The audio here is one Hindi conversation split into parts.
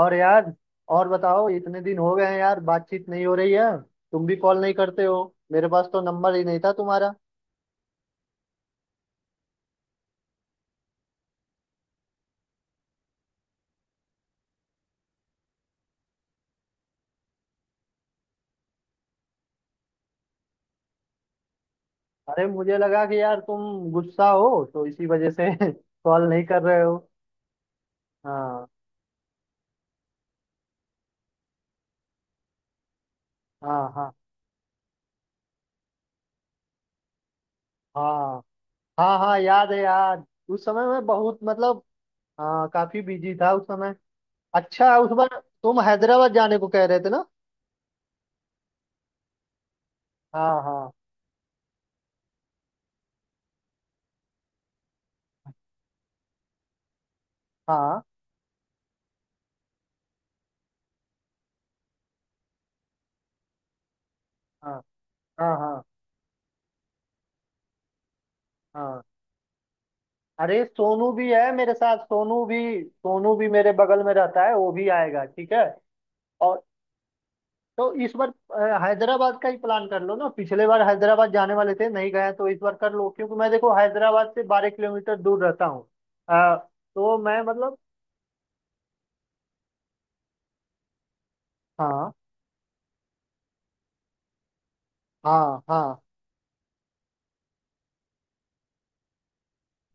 और यार, और बताओ, इतने दिन हो गए हैं यार, बातचीत नहीं हो रही है। तुम भी कॉल नहीं करते हो। मेरे पास तो नंबर ही नहीं था तुम्हारा। अरे, मुझे लगा कि यार तुम गुस्सा हो तो इसी वजह से कॉल नहीं कर रहे हो। हाँ हाँ हाँ हाँ। हाँ हाँ, याद है यार। उस समय मैं बहुत मतलब, हाँ काफी बिजी था उस समय। अच्छा, उस बार तुम हैदराबाद जाने को कह रहे थे ना। हाँ हाँ हाँ हाँ हाँ हाँ हाँ। अरे, सोनू भी है मेरे साथ, सोनू भी। सोनू भी मेरे बगल में रहता है, वो भी आएगा, ठीक है। और तो इस बार हैदराबाद का ही प्लान कर लो ना, पिछले बार हैदराबाद जाने वाले थे, नहीं गए, तो इस बार कर लो, क्योंकि मैं देखो हैदराबाद से 12 किलोमीटर दूर रहता हूँ। अ, तो मैं मतलब। हाँ हाँ हाँ।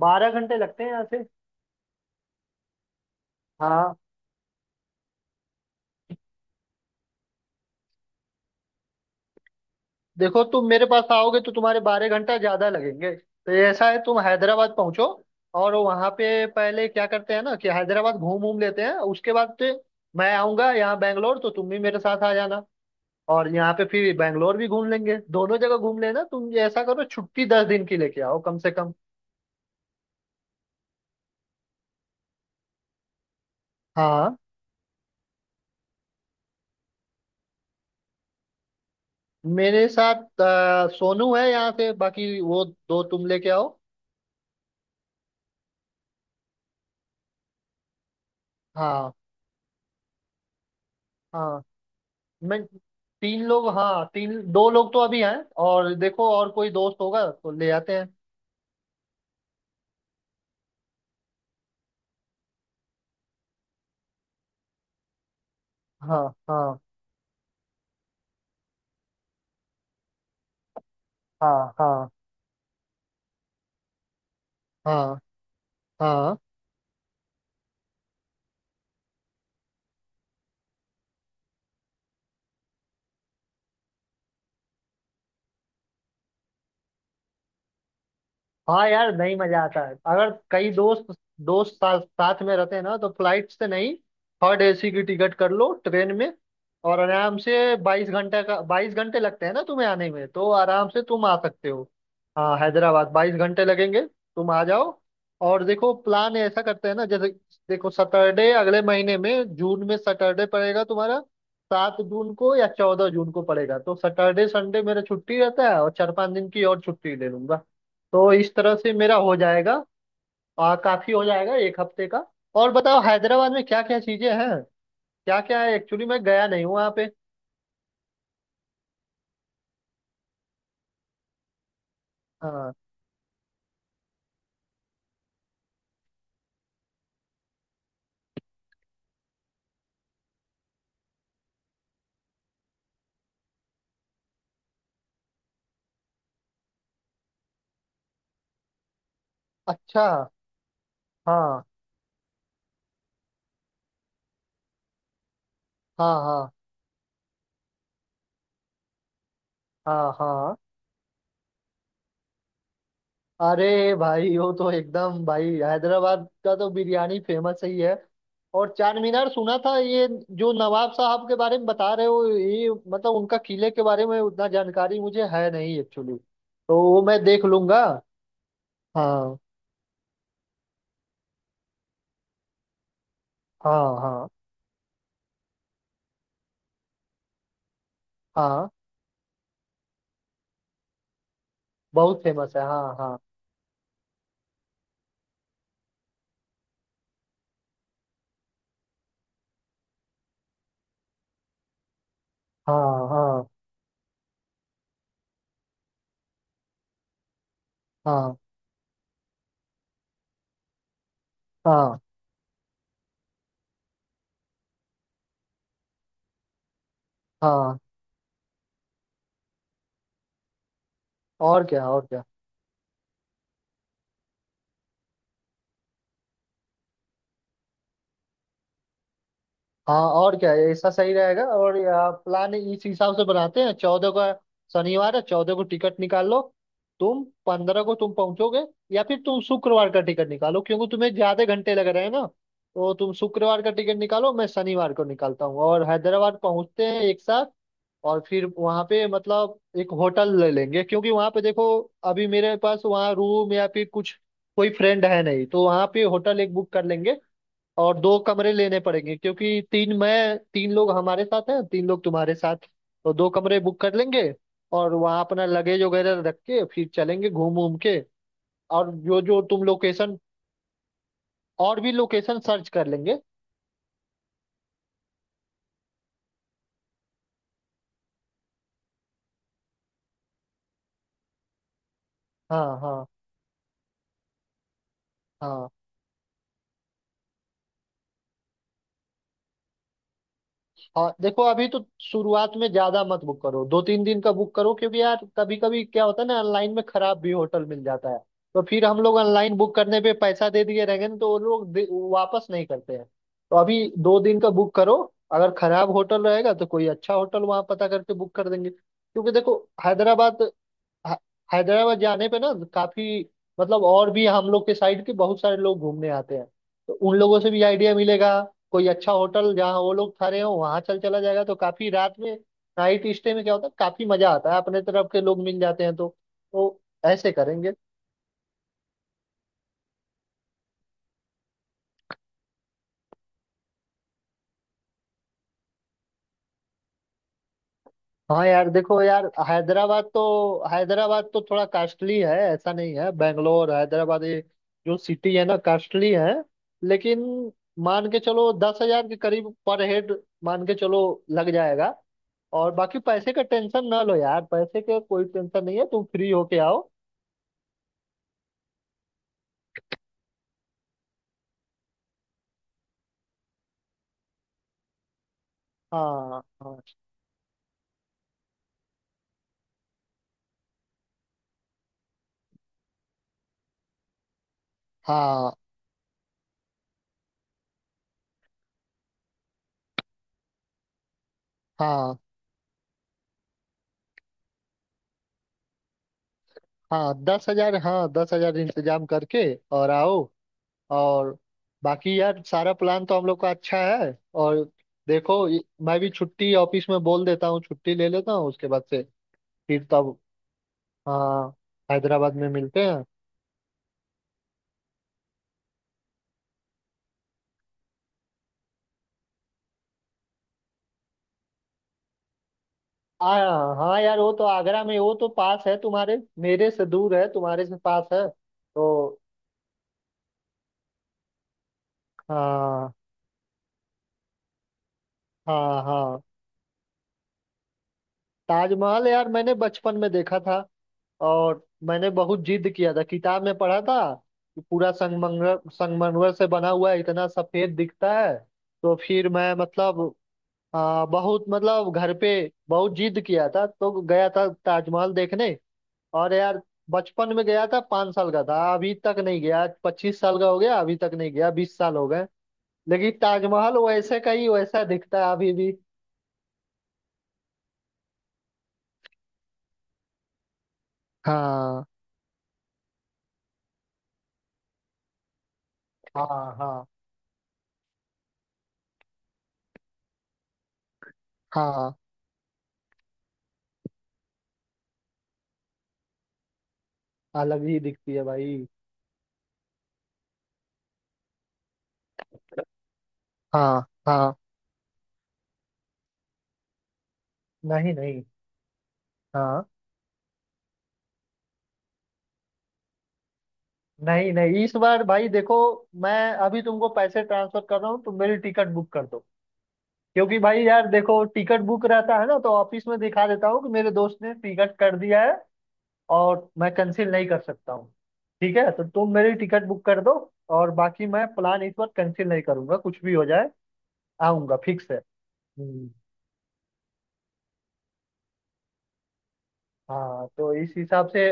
12 घंटे लगते हैं यहाँ से। हाँ, देखो तुम मेरे पास आओगे तो तुम्हारे 12 घंटा ज्यादा लगेंगे, तो ये ऐसा है, तुम हैदराबाद पहुंचो। और वहां पे पहले क्या करते हैं ना, कि हैदराबाद घूम घूम लेते हैं, उसके बाद से मैं आऊंगा यहाँ बैंगलोर, तो तुम भी मेरे साथ आ जाना। और यहाँ पे फिर बैंगलोर भी घूम लेंगे, दोनों जगह घूम लेना। तुम ये ऐसा करो, छुट्टी 10 दिन की लेके आओ कम से कम। हाँ। मेरे साथ सोनू है यहाँ से, बाकी वो दो तुम लेके आओ। हाँ हाँ। मैं तीन लोग, हाँ, तीन दो लोग तो अभी हैं। और देखो, और कोई दोस्त होगा तो ले आते हैं। हाँ हाँ हाँ हाँ हाँ हाँ। हाँ यार, नहीं, मजा आता है अगर कई दोस्त, साथ साथ में रहते हैं ना, तो फ्लाइट से नहीं। थर्ड एसी की टिकट कर लो ट्रेन में। और आराम से 22 घंटे का, 22 घंटे लगते हैं ना तुम्हें आने में, तो आराम से तुम आ सकते हो। हाँ, हैदराबाद 22 घंटे लगेंगे, तुम आ जाओ। और देखो, प्लान ऐसा करते हैं ना, जैसे देखो सैटरडे, अगले महीने में जून में सैटरडे पड़ेगा तुम्हारा, 7 जून को या 14 जून को पड़ेगा, तो सैटरडे संडे मेरा छुट्टी रहता है, और चार पांच दिन की और छुट्टी ले लूंगा, तो इस तरह से मेरा हो जाएगा। काफी हो जाएगा एक हफ्ते का। और बताओ, हैदराबाद में क्या क्या चीजें हैं, क्या क्या है, एक्चुअली मैं गया नहीं हूँ वहाँ पे। हाँ। अच्छा। हाँ हाँ हाँ हाँ हाँ। अरे भाई, वो तो एकदम, भाई हैदराबाद का तो बिरयानी फेमस ही है। और चार मीनार सुना था ये। जो नवाब साहब के बारे में बता रहे हो, ये मतलब उनका किले के बारे में उतना जानकारी मुझे है नहीं, एक्चुअली तो वो मैं देख लूंगा। हाँ हाँ हाँ हाँ, बहुत फेमस है, हाँ हाँ हाँ हाँ हाँ हाँ हाँ। और क्या, और क्या। हाँ और क्या, ऐसा सही रहेगा। और या, प्लान इस हिसाब से बनाते हैं 14 का, शनिवार है 14 को, टिकट निकाल लो, तुम 15 को तुम पहुंचोगे। या फिर तुम शुक्रवार का टिकट निकालो, क्योंकि तुम्हें ज्यादा घंटे लग रहे हैं ना, तो तुम शुक्रवार का टिकट निकालो, मैं शनिवार को निकालता हूँ और हैदराबाद पहुंचते हैं एक साथ। और फिर वहां पे मतलब एक होटल ले लेंगे, क्योंकि वहां पे देखो, अभी मेरे पास वहाँ रूम या फिर कुछ कोई फ्रेंड है नहीं, तो वहां पे होटल एक बुक कर लेंगे। और दो कमरे लेने पड़ेंगे, क्योंकि तीन मैं तीन लोग हमारे साथ हैं, तीन लोग तुम्हारे साथ, तो दो कमरे बुक कर लेंगे। और वहाँ अपना लगेज वगैरह रख के फिर चलेंगे घूम घूम के। और जो जो तुम लोकेशन, और भी लोकेशन सर्च कर लेंगे। हाँ हाँ हाँ हाँ। देखो, अभी तो शुरुआत में ज्यादा मत बुक करो, दो तीन दिन का बुक करो, क्योंकि यार कभी कभी क्या होता है ना, ऑनलाइन में खराब भी होटल मिल जाता है। तो फिर हम लोग ऑनलाइन बुक करने पे पैसा दे दिए रहेंगे ना, तो वो लोग वापस नहीं करते हैं, तो अभी 2 दिन का बुक करो। अगर खराब होटल रहेगा तो कोई अच्छा होटल वहां पता करके बुक कर देंगे, क्योंकि देखो हैदराबाद, ह- हैदराबाद जाने पे ना काफी मतलब, और भी हम लोग के साइड के बहुत सारे लोग घूमने आते हैं, तो उन लोगों से भी आइडिया मिलेगा, कोई अच्छा होटल जहाँ वो लोग ठहरे हो वहां चल चला जाएगा, तो काफी रात में, नाइट स्टे में क्या होता है, काफी मजा आता है, अपने तरफ के लोग मिल जाते हैं, तो ऐसे करेंगे। हाँ यार देखो, यार हैदराबाद तो, हैदराबाद तो थोड़ा कास्टली है, ऐसा नहीं है, बेंगलोर हैदराबाद ये जो सिटी है ना कास्टली है, लेकिन मान के चलो 10,000 के करीब पर हेड, मान के चलो लग जाएगा। और बाकी पैसे का टेंशन ना लो यार, पैसे का कोई टेंशन नहीं है, तुम फ्री होके आओ। हाँ हाँ हाँ हाँ हाँ, 10,000, हाँ 10,000 इंतजाम करके और आओ। और बाकी यार, सारा प्लान तो हम लोग का अच्छा है। और देखो मैं भी छुट्टी ऑफिस में बोल देता हूँ, छुट्टी ले लेता हूँ उसके बाद से, फिर तब, हाँ हैदराबाद में मिलते हैं। आ, हाँ यार, वो तो आगरा में, वो तो पास है तुम्हारे, मेरे से दूर है, तुम्हारे से पास है तो। हाँ हाँ हाँ। ताजमहल यार, मैंने बचपन में देखा था, और मैंने बहुत जिद किया था, किताब में पढ़ा था कि पूरा संगमरमर, संगमरमर से बना हुआ है, इतना सफेद दिखता है। तो फिर मैं मतलब, बहुत मतलब घर पे बहुत जिद किया था, तो गया था ताजमहल देखने। और यार बचपन में गया था, 5 साल का था, अभी तक नहीं गया, 25 साल का हो गया, अभी तक नहीं गया, 20 साल हो गए। लेकिन ताजमहल वैसे का ही वैसा दिखता है अभी भी। हाँ हाँ हाँ हाँ, अलग ही दिखती है भाई। हाँ हाँ, नहीं नहीं। हाँ, नहीं नहीं, इस बार भाई देखो, मैं अभी तुमको पैसे ट्रांसफर कर रहा हूँ, तुम मेरी टिकट बुक कर दो, क्योंकि भाई यार देखो टिकट बुक रहता है ना, तो ऑफिस में दिखा देता हूँ कि मेरे दोस्त ने टिकट कर दिया है, और मैं कैंसिल नहीं कर सकता हूँ, ठीक है। तो तुम मेरी टिकट बुक कर दो, और बाकी मैं प्लान इस बार कैंसिल नहीं करूंगा, कुछ भी हो जाए, आऊंगा, फिक्स है। हम्म। हाँ तो इस हिसाब से,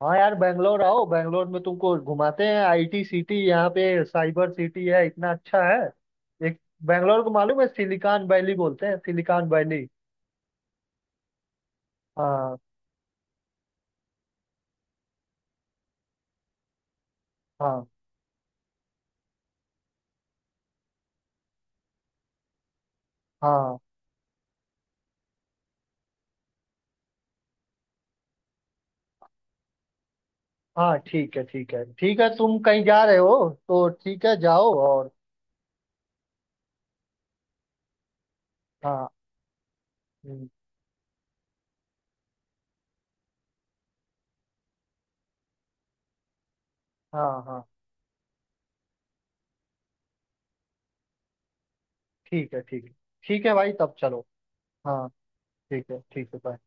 हाँ यार बैंगलोर आओ, बैंगलोर में तुमको घुमाते हैं, आईटी सिटी, यहाँ पे साइबर सिटी है, इतना अच्छा है। एक, बैंगलोर को मालूम है सिलिकॉन वैली बोलते हैं, सिलिकॉन वैली। हाँ हाँ हाँ हाँ। ठीक है ठीक है ठीक है, तुम कहीं जा रहे हो तो ठीक है, जाओ, और हाँ। हम्म, हाँ हाँ ठीक है, ठीक है। ठीक है भाई, तब चलो। हाँ ठीक है, ठीक है, बाय।